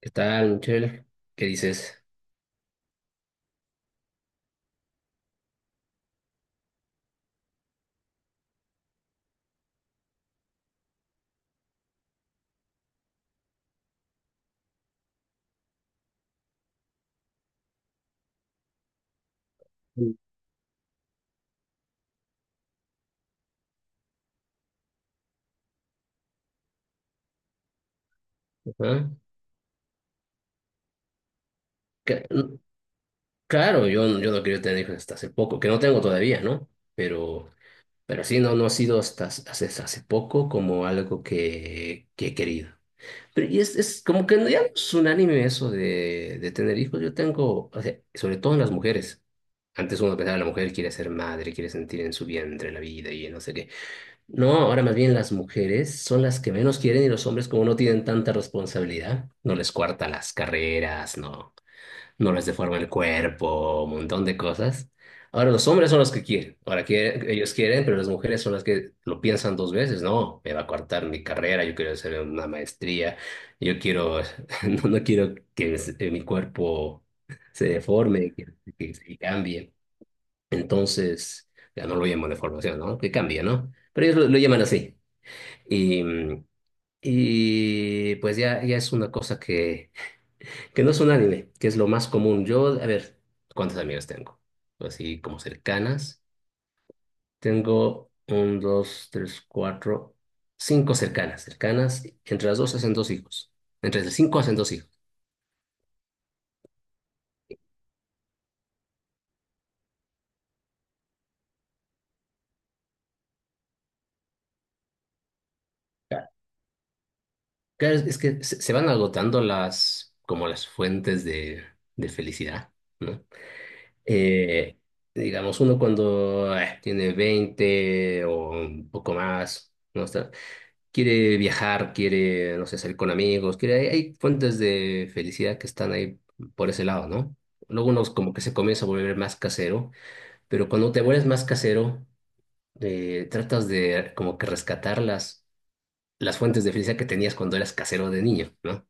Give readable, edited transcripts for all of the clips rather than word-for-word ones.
¿Qué tal, Michelle? ¿Qué dices? Sí. ¿Ah? Que- n- Claro, yo no quiero tener hijos hasta hace poco, que no tengo todavía, ¿no? Pero, pero sí, no, no ha sido hasta hace poco como algo que he querido. Pero y es como que ya no es unánime eso de tener hijos. Yo tengo, o sea, sobre todo en las mujeres. Antes uno pensaba, la mujer quiere ser madre, quiere sentir en su vientre la vida y no sé qué. No, ahora más bien las mujeres son las que menos quieren y los hombres como no tienen tanta responsabilidad, no les cuartan las carreras, no, no les deforma el cuerpo, un montón de cosas. Ahora los hombres son los que quieren, ahora quieren, ellos quieren, pero las mujeres son las que lo piensan dos veces, no, me va a cortar mi carrera, yo quiero hacer una maestría, yo quiero, no, no quiero que mi cuerpo se deforme, que se cambie. Entonces, ya no lo llamo deformación, ¿no? Que cambie, ¿no? Pero ellos lo llaman así. Y, mm, y pues ya es una cosa que no es unánime, que es lo más común. Yo, a ver, ¿cuántas amigas tengo? Así como cercanas. Tengo un, dos, tres, cuatro, cinco cercanas. Cercanas, entre las dos hacen dos hijos. Entre las cinco hacen dos hijos. Claro. Claro, es que se van agotando las, como las fuentes de felicidad, ¿no? Eh, digamos, uno cuando tiene 20 o un poco más, ¿no? Quiere viajar, quiere, no sé, salir con amigos, quiere, hay fuentes de felicidad que están ahí por ese lado, ¿no? Luego uno como que se comienza a volver más casero, pero cuando te vuelves más casero, tratas de como que rescatar las fuentes de felicidad que tenías cuando eras casero de niño, ¿no?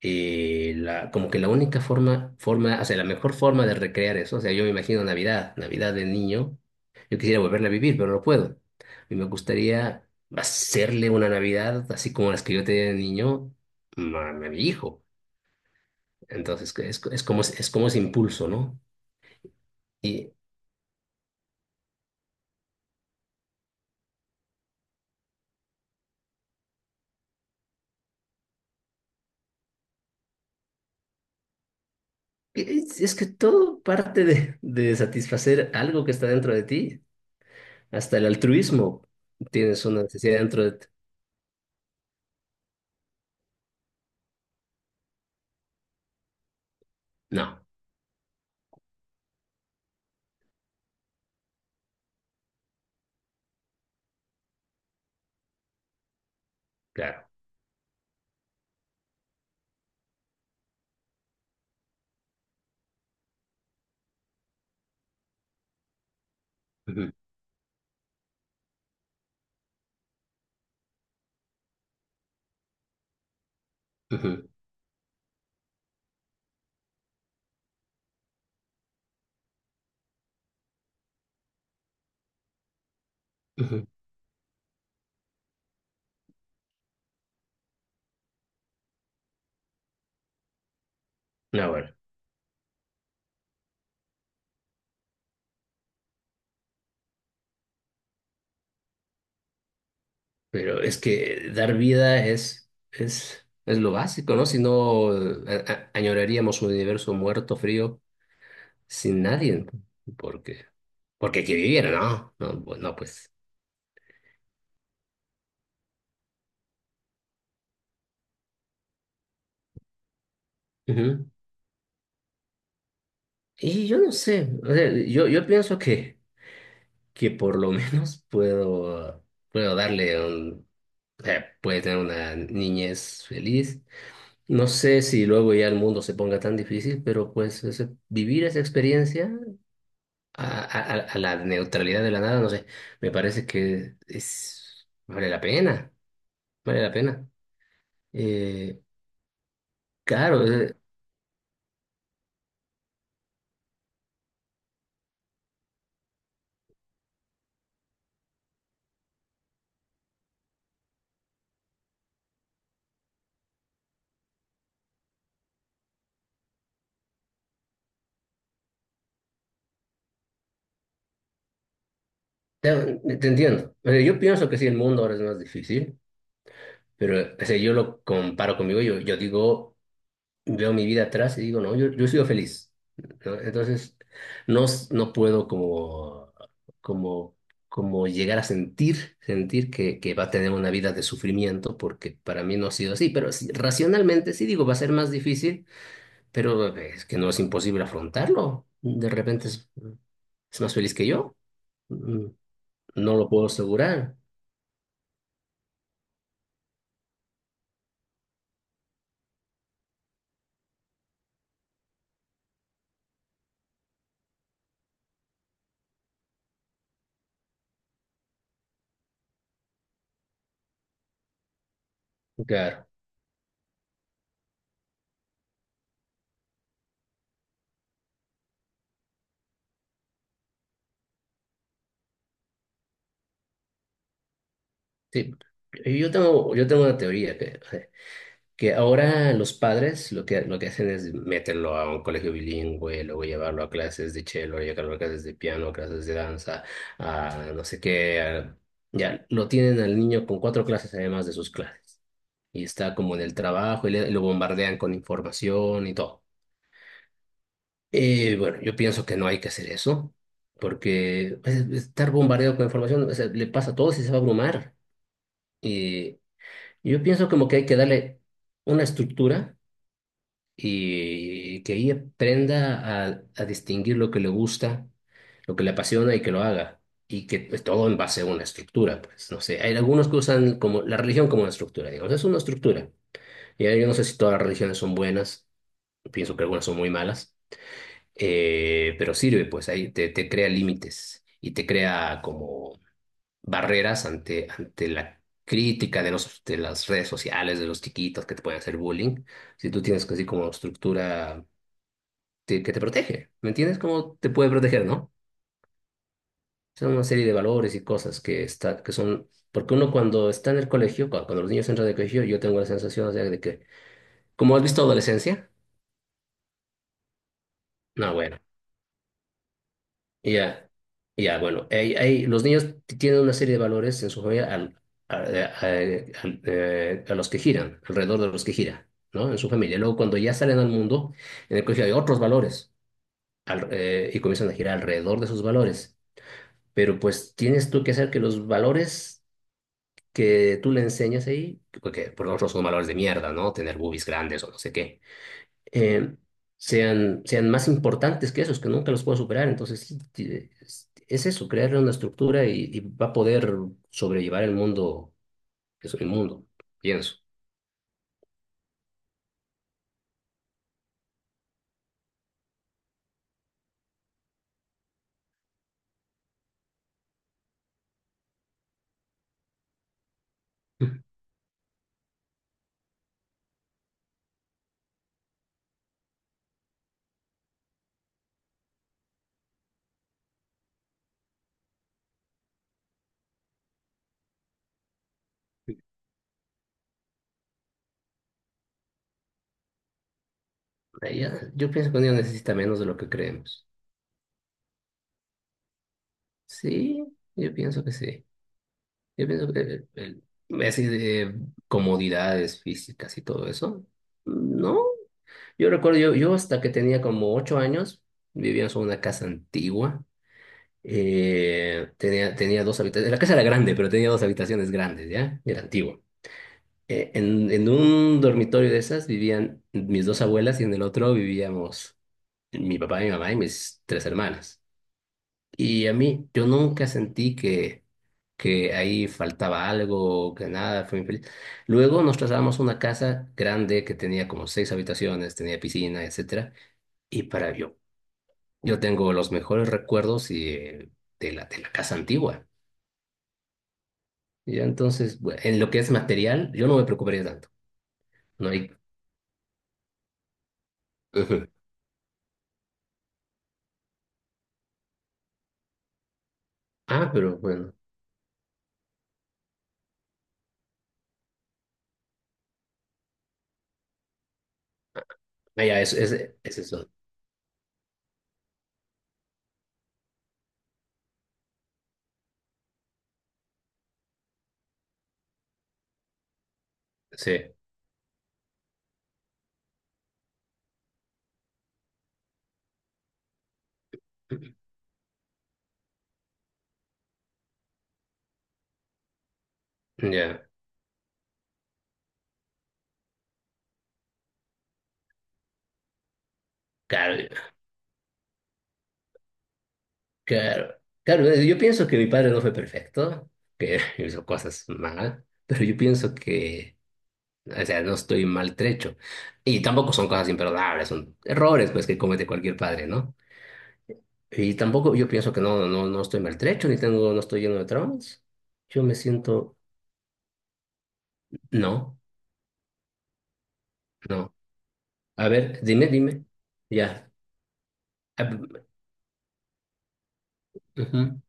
la, como que la única forma, o sea, la mejor forma de recrear eso, o sea, yo me imagino Navidad, Navidad de niño, yo quisiera volverla a vivir, pero no puedo. Y me gustaría hacerle una Navidad así como las que yo tenía de niño a mi hijo. Entonces, que es, es como ese impulso, ¿no? Y es que todo parte de satisfacer algo que está dentro de ti, hasta el altruismo. Tienes una necesidad dentro de ti. No, claro. Ujú, ujú, ujú. No, bueno. Pero es que dar vida es lo básico, ¿no? Si no, añoraríamos un universo muerto, frío, sin nadie. Porque, porque hay que vivir, ¿no? No, no, pues. Ujú. Y yo no sé, o sea, yo pienso que por lo menos puedo darle un... Puede tener una niñez feliz. No sé si luego ya el mundo se ponga tan difícil, pero pues vivir esa experiencia a la neutralidad de la nada, no sé, me parece que vale la pena, vale la pena. Eh, claro, te, te, entiendo. O sea, yo pienso que sí, el mundo ahora es más difícil, pero o sea, yo lo comparo conmigo, yo digo, veo mi vida atrás y digo, no, yo he sido feliz, ¿no? Entonces, no, no puedo como, como llegar a sentir que va a tener una vida de sufrimiento, porque para mí no ha sido así, pero sí, racionalmente sí digo, va a ser más difícil, pero es que no es imposible afrontarlo. De repente es más feliz que yo. Mm, No lo puedo asegurar. Claro, sí. Yo tengo una teoría que. Que ahora los padres lo que hacen es meterlo a un colegio bilingüe, luego llevarlo a clases de cello, llevarlo a clases de piano, clases de danza, a no sé qué. Ya lo tienen al niño con cuatro clases además de sus clases. Y está como en el trabajo y lo bombardean con información y todo. Bueno, yo pienso que no hay que hacer eso, porque pues, estar bombardeado con información, o sea, le pasa a todos y se va a abrumar. Y yo pienso como que hay que darle una estructura y que ella aprenda a distinguir lo que le gusta, lo que le apasiona y que lo haga. Y que pues, todo en base a una estructura, pues no sé, hay algunos que usan como la religión como una estructura, digamos, es una estructura. Y ahí yo no sé si todas las religiones son buenas, pienso que algunas son muy malas, pero sirve, pues ahí te crea límites y te crea como barreras ante la crítica de los, de las redes sociales, de los chiquitos que te pueden hacer bullying. Si tú tienes así como estructura que te protege. ¿Me entiendes? ¿Cómo te puede proteger, no? Son una serie de valores y cosas que son... Porque uno cuando está en el colegio, cuando los niños entran de colegio, yo tengo la sensación, o sea, de que... ¿Cómo has visto adolescencia? No, bueno, ya, ya, bueno. Hay los niños tienen una serie de valores en su familia al, a- al- a los que giran, alrededor de los que giran, ¿no? En su familia. Luego, cuando ya salen al mundo, en el colegio hay otros valores y comienzan a girar alrededor de esos valores. Pero pues tienes tú que hacer que los valores que tú le enseñas ahí, porque por nosotros son valores de mierda, ¿no? Tener boobies grandes o no sé qué, eh, sean más importantes que esos, que nunca los puedo superar. Entonces, sí, es eso, crearle una estructura y va a poder sobrellevar el mundo, que es el mundo, pienso. Yo pienso que un día necesita menos de lo que creemos. Sí, yo pienso que sí. Yo pienso que así de comodidades físicas y todo eso, no. Yo recuerdo, yo hasta que tenía como 8 años, vivíamos en una casa antigua. Tenía dos habitaciones. La casa era grande, pero tenía dos habitaciones grandes, ¿ya? Era antigua. En un dormitorio de esas vivían mis dos abuelas y en el otro vivíamos mi papá, mi mamá y mis tres hermanas. Y a mí, yo nunca sentí que ahí faltaba algo, que nada, fue muy feliz. Luego nos trasladamos a una casa grande que tenía como seis habitaciones, tenía piscina, etcétera. Y yo tengo los mejores recuerdos y de la casa antigua. Y ya entonces, bueno, en lo que es material, yo no me preocuparía tanto. No hay... Ujú. Ah, pero bueno. Ah, ya, es eso. Sí. Ya. Claro, Claro, claro, yo pienso que mi padre no fue perfecto, que hizo cosas mal, pero yo pienso que, o sea, no estoy maltrecho. Y tampoco son cosas imperdonables, son errores pues que comete cualquier padre, ¿no? Y tampoco yo pienso que no, no, no estoy maltrecho, ni tengo, no estoy lleno de traumas. Yo me siento, no, no. A ver, dime, dime. Ya. Ah, ujú,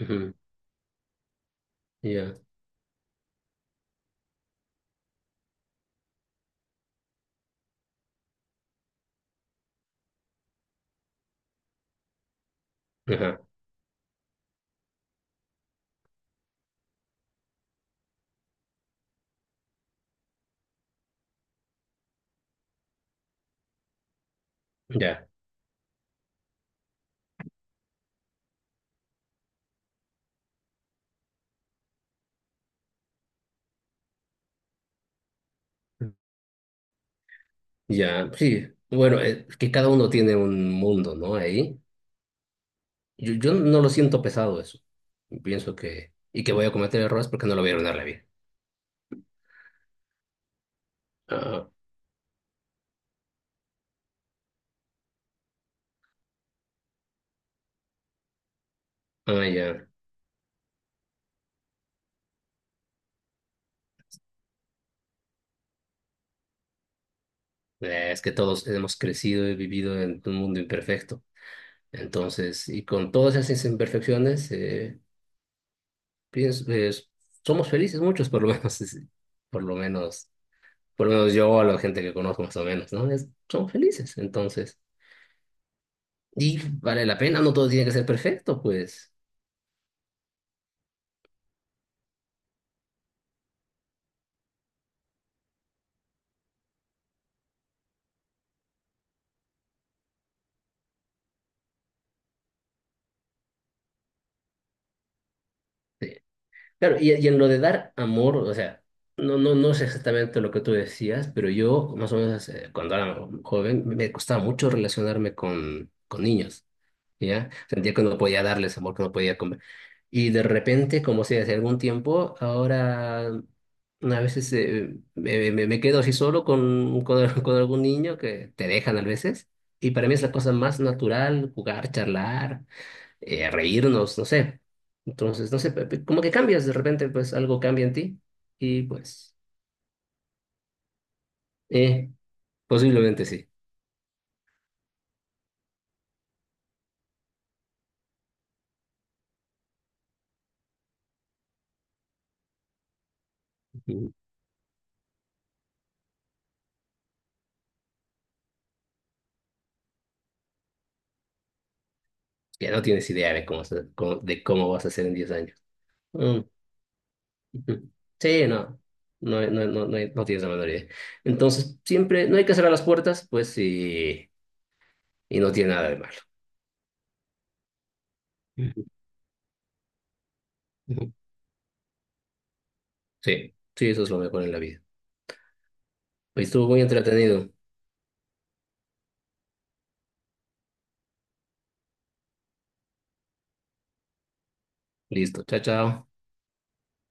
ujú, Ya. Ajá, ya. Ya, sí. Bueno, que cada uno tiene un mundo, ¿no? Ahí. Yo no lo siento pesado eso. Pienso que... Y que voy a cometer errores porque no lo voy a arruinar la vida. Ah, ah, ya. Es que todos hemos crecido y vivido en un mundo imperfecto. Entonces, y con todas esas imperfecciones, pienso, pues, somos felices muchos, por lo menos. Por lo menos, por lo menos yo, a la gente que conozco más o menos, ¿no? Son felices, entonces. Y vale la pena, no todo tiene que ser perfecto, pues. eh, Claro, y en lo de dar amor, o sea, no, no, no sé exactamente lo que tú decías, pero yo, más o menos, cuando era joven, me costaba mucho relacionarme con niños, ¿ya? Sentía que no podía darles amor, que no podía comer. Y de repente, como si hace algún tiempo, ahora a veces me quedo así solo con, con algún niño que te dejan a veces, y para mí es la cosa más natural jugar, charlar reírnos, no sé. Entonces, no sé, como que cambias de repente, pues algo cambia en ti y pues, eh, posiblemente sí. Ujú. Ya no tienes idea de cómo vas a ser en 10 años. Mm, ujú. Sí, no. No, no, no, no, no tienes la menor idea. Entonces, siempre, no hay que cerrar las puertas, pues, y no tiene nada de malo. Ujú. Ujú. Sí, sí, eso es lo mejor en la vida. Pues estuvo muy entretenido. Listo, chao, chao.